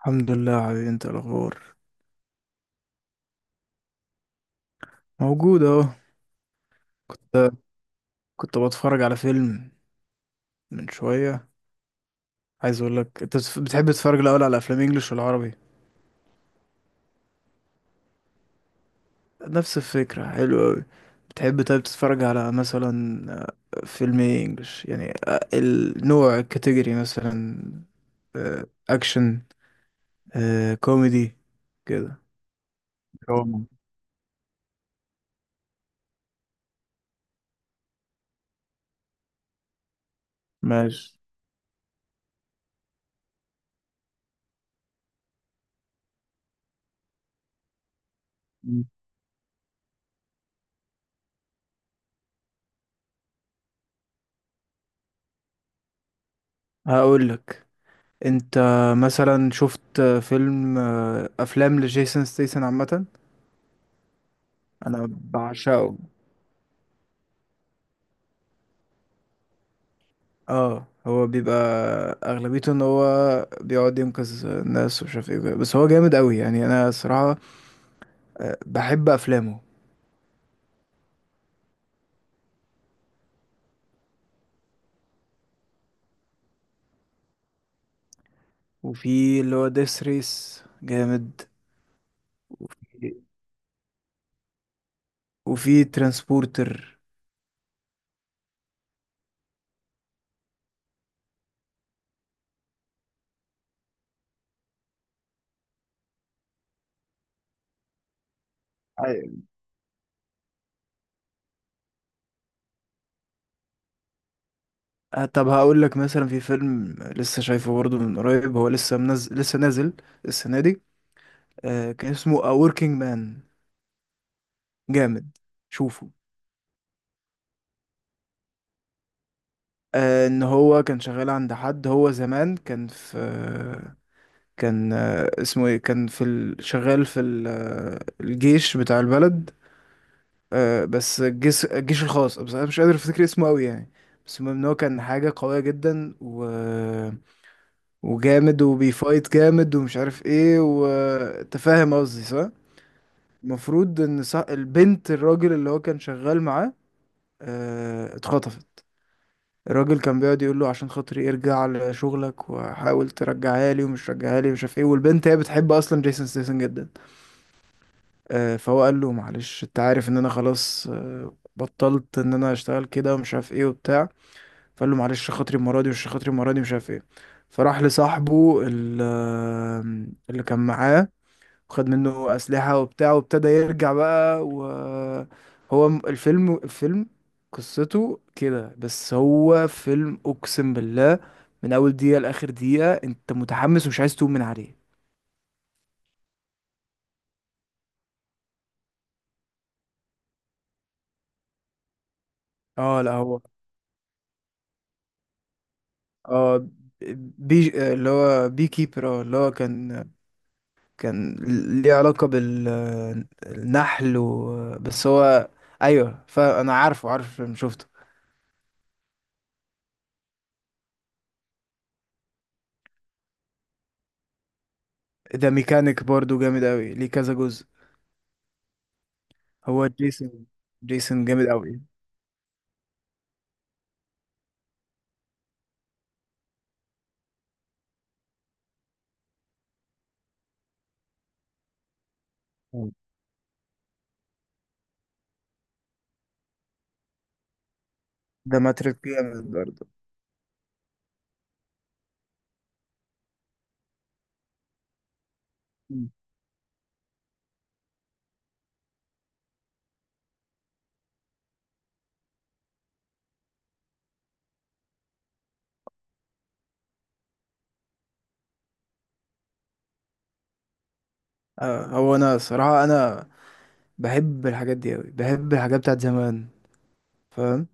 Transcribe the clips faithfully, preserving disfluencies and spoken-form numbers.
الحمد لله يا حبيبي، انت إيه الاخبار؟ موجود اهو. كنت كنت بتفرج على فيلم من شويه. عايز اقول لك، انت بتف- بتحب تتفرج الاول على افلام انجلش ولا عربي؟ نفس الفكره، حلو قوي. بتحب طيب تتفرج على مثلا آه، فيلم ايه؟ انجلش يعني. آه، النوع، الكاتيجوري مثلا، آه، اكشن، آه، كوميدي كده؟ دراما. ماشي. هقول لك، انت مثلا شفت فيلم، آه، افلام لجيسون ستيسن عامه؟ انا بعشقه. اه، هو بيبقى اغلبيته ان هو بيقعد ينقذ الناس ومش عارف ايه وكده. بس هو جامد قوي يعني. انا صراحة آه، بحب افلامه. وفي اللي هو ديس ريس، جامد. وفي ترانسبورتر. أيوة. آه، طب هقول لك، مثلا في فيلم لسه شايفه برضه من قريب، هو لسه منزل، لسه نازل السنة دي، آه، كان اسمه A Working Man. جامد، شوفه. آه، ان هو كان شغال عند حد، هو زمان كان في، كان آه، اسمه ايه، كان في ال... شغال في ال... آه، الجيش بتاع البلد، آه، بس الجيش، الجيش الخاص، بس انا مش قادر افتكر اسمه قوي يعني. بس المهم ان هو كان حاجة قوية جدا، و... وجامد، وبيفايت جامد ومش عارف ايه وتفاهم. قصدي صح؟ المفروض ان، صح، البنت الراجل اللي هو كان شغال معاه آه، اتخطفت. الراجل كان بيقعد يقول له عشان خاطري ارجع لشغلك وحاول ترجعها لي ومش رجعها لي ومش عارف ايه. والبنت هي بتحب اصلا جيسون ستاثام جدا، آه، فهو قال له معلش، انت عارف ان انا خلاص آه، بطلت ان انا اشتغل كده ومش عارف ايه وبتاع. فقال له معلش، خاطري المره دي، مش خاطري المره دي، مش عارف ايه. فراح لصاحبه ال- آه، اللي كان معاه، وخد منه اسلحه وبتاع وابتدى يرجع بقى. وهو م- الفيلم الفيلم قصته كده، بس هو فيلم اقسم بالله من اول دقيقه لاخر دقيقه انت متحمس ومش عايز تقوم من عليه. اه لا، هو اه بي، اللي هو بي كيبر، اه، اللي هو كان، كان ليه علاقة بالنحل و... بس هو، ايوه، فانا عارفه عارف الفيلم، شفته. ده ميكانيك برضو جامد قوي، ليه كذا جزء. هو جيسون، جيسون جامد قوي. ده ماتريك جامد برضو. مم. آه، هو انا صراحة انا بحب الحاجات دي قوي، بحب الحاجات بتاعت زمان، فاهم؟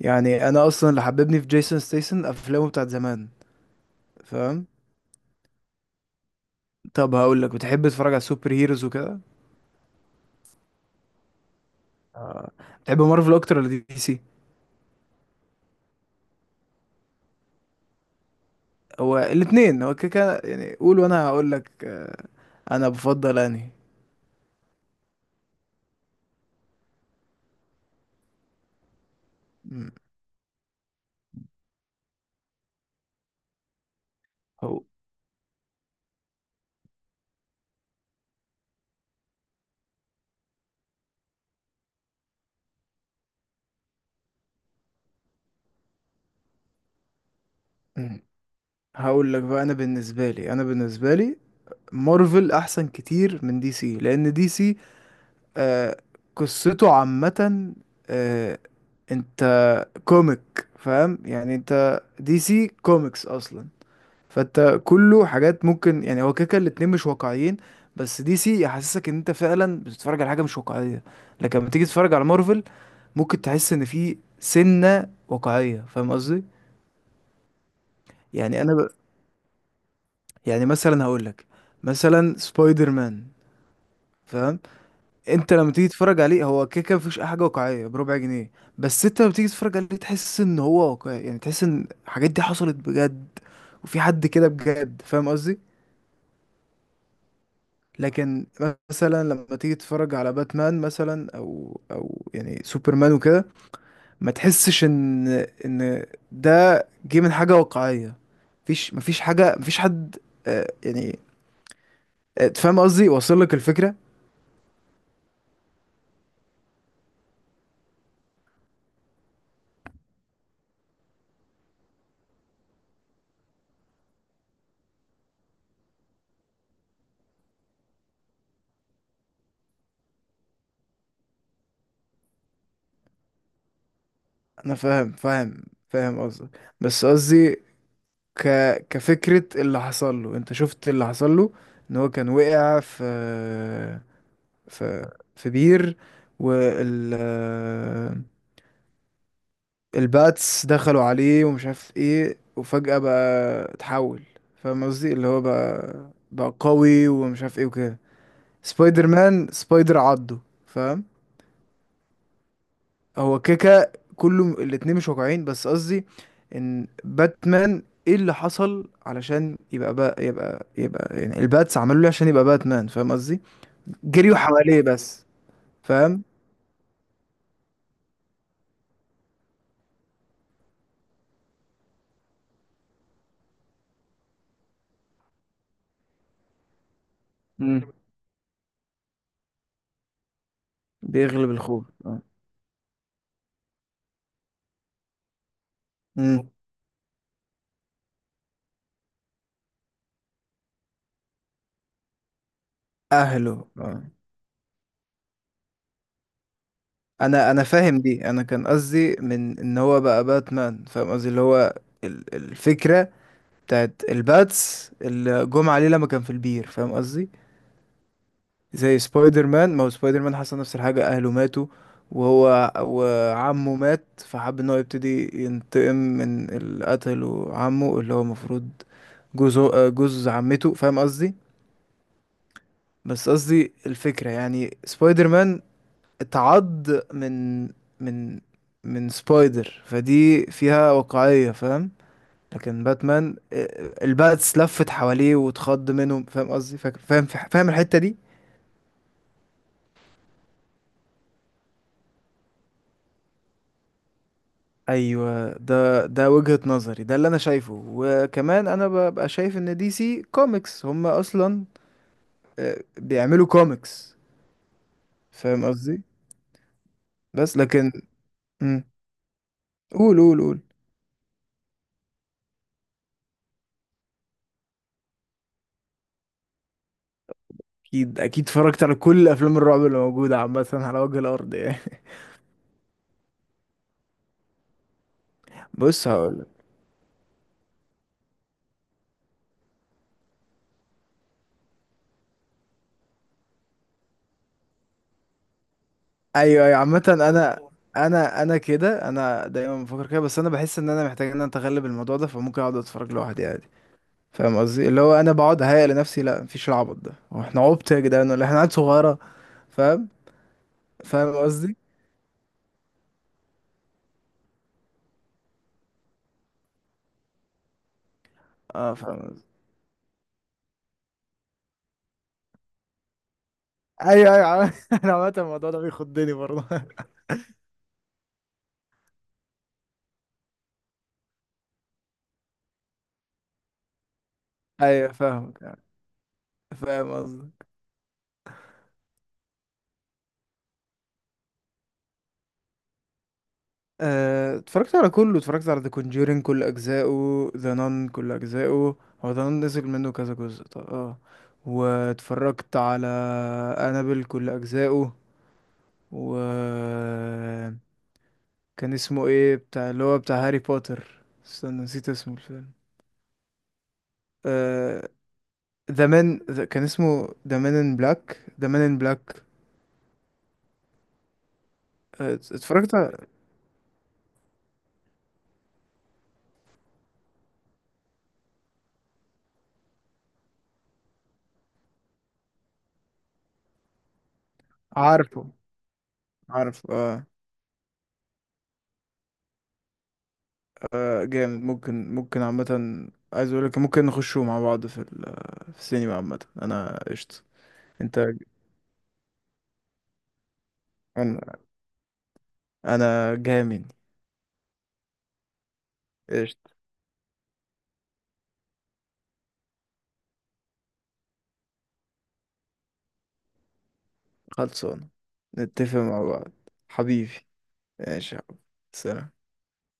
يعني انا اصلا اللي حببني في جيسون ستيسن افلامه بتاعت زمان، فاهم؟ طب هقول لك، بتحب تتفرج على السوبر هيروز وكده؟ آه، بتحب مارفل اكتر ولا دي سي؟ هو الاثنين، هو كده كده يعني، قول وانا هقول لك. آه، انا بفضل انهي. مم. هو مم. هقول لك بقى، انا بالنسبه لي، انا بالنسبه لي مارفل احسن كتير من دي سي، لان دي سي آه، قصته عامه آه، انت كوميك، فاهم يعني؟ انت دي سي كوميكس اصلا، فانت كله حاجات ممكن، يعني هو كده كده الاتنين مش واقعيين، بس دي سي يحسسك ان انت فعلا بتتفرج على حاجه مش واقعيه. لكن لما تيجي تتفرج على مارفل، ممكن تحس ان في سنه واقعيه، فاهم قصدي؟ يعني انا ب... يعني مثلا هقول لك، مثلا سبايدر مان، فاهم؟ انت لما تيجي تتفرج عليه، هو كده كده مفيش اي حاجه واقعيه بربع جنيه، بس انت لما تيجي تتفرج عليه تحس ان هو واقعي يعني، تحس ان الحاجات دي حصلت بجد، وفي حد كده بجد، فاهم قصدي؟ لكن مثلا لما تيجي تتفرج على باتمان مثلا، او او يعني سوبرمان وكده، ما تحسش ان، ان ده جه من حاجه واقعيه. مفيش، مفيش حاجه، مفيش حد. آه، يعني، آه، فاهم قصدي؟ واصل لك الفكره؟ انا فاهم، فاهم، فاهم قصدك، بس قصدي ك كفكره، اللي حصل له، انت شفت اللي حصل له؟ ان هو كان وقع في، في، في بير، وال آه، الباتس دخلوا عليه ومش عارف ايه، وفجأة بقى اتحول، فاهم قصدي؟ اللي هو بقى، بقى قوي ومش عارف ايه وكده. سبايدر مان سبايدر عضه، فاهم؟ هو كيكا كله الاتنين مش واقعين، بس قصدي ان باتمان ايه اللي حصل علشان يبقى، بقى، يبقى، يبقى يعني، الباتس عملوا ليه عشان يبقى باتمان، فاهم قصدي؟ جريوا حواليه بس، فاهم؟ مم. بيغلب الخوف، آه. مم. اهله، آه. انا، انا فاهم دي، انا كان قصدي من ان هو بقى باتمان، فاهم قصدي؟ اللي هو ال- الفكره بتاعت الباتس اللي جم عليه لما كان في البير، فاهم قصدي؟ زي سبايدر مان، ما هو سبايدر مان حصل نفس الحاجه، اهله ماتوا، وهو وعمه مات فحب ان هو يبتدي ينتقم من اللي قتله عمه، اللي هو المفروض جوز، جوز عمته، فاهم قصدي؟ بس قصدي الفكره، يعني سبايدر مان اتعض من، من، من سبايدر، فدي فيها واقعية، فاهم؟ لكن باتمان، اه، الباتس لفت حواليه واتخض منهم، فاهم قصدي؟ فاك- فاهم، فاهم الحتة دي؟ ايوه ده، ده وجهة نظري، ده اللي انا شايفه. وكمان انا ببقى شايف ان دي سي كوميكس هم اصلا اه، بيعملوا كوميكس، فاهم قصدي؟ بس لكن، مم. قول، قول، قول. اكيد، اكيد، اتفرجت على كل افلام الرعب اللي موجودة عامة على وجه الارض يعني. بص، هقول. ايوه، ايوه، عامة انا، انا، انا كده، انا دايما بفكر كده، بس انا بحس ان انا محتاج ان انا اتغلب الموضوع ده، فممكن اقعد اتفرج لوحدي عادي، فاهم قصدي؟ اللي هو انا بقعد اهيأ لنفسي لا مفيش، العبط ده، هو احنا عبط يا جدعان ولا إيه؟ احنا عيال صغيرة، فاهم؟ فاهم قصدي؟ اه، فاهم قصدي. ايوه، ايوه، عم- انا عامة الموضوع ده بيخضني برضه. ايوه، فاهمك يعني، فاهم قصدي. آه، اتفرجت على كله، اتفرجت على ذا كونجورينج كل اجزائه، ذا نان كل اجزائه، هو ذا نان نزل منه كذا جزء طب، اه. واتفرجت على انابل كل اجزائه، و كان اسمه ايه بتاع، اللي هو بتاع هاري بوتر، استنى نسيت اسمه الفيلم، آه، ذا مان، ذا- كان اسمه ذا مان ان بلاك، ذا مان ان بلاك. اتفرجت على- عارفه، عارف، اه. آه، جامد، ممكن، ممكن عامة، عايز اقولك ممكن نخشوا مع بعض في ال- في السينما، عامة انا قشطة. انت، انا، انا جامد، قشطة. خلصان، نتفق مع بعض. حبيبي، ماشي يا حبيبي. سلام.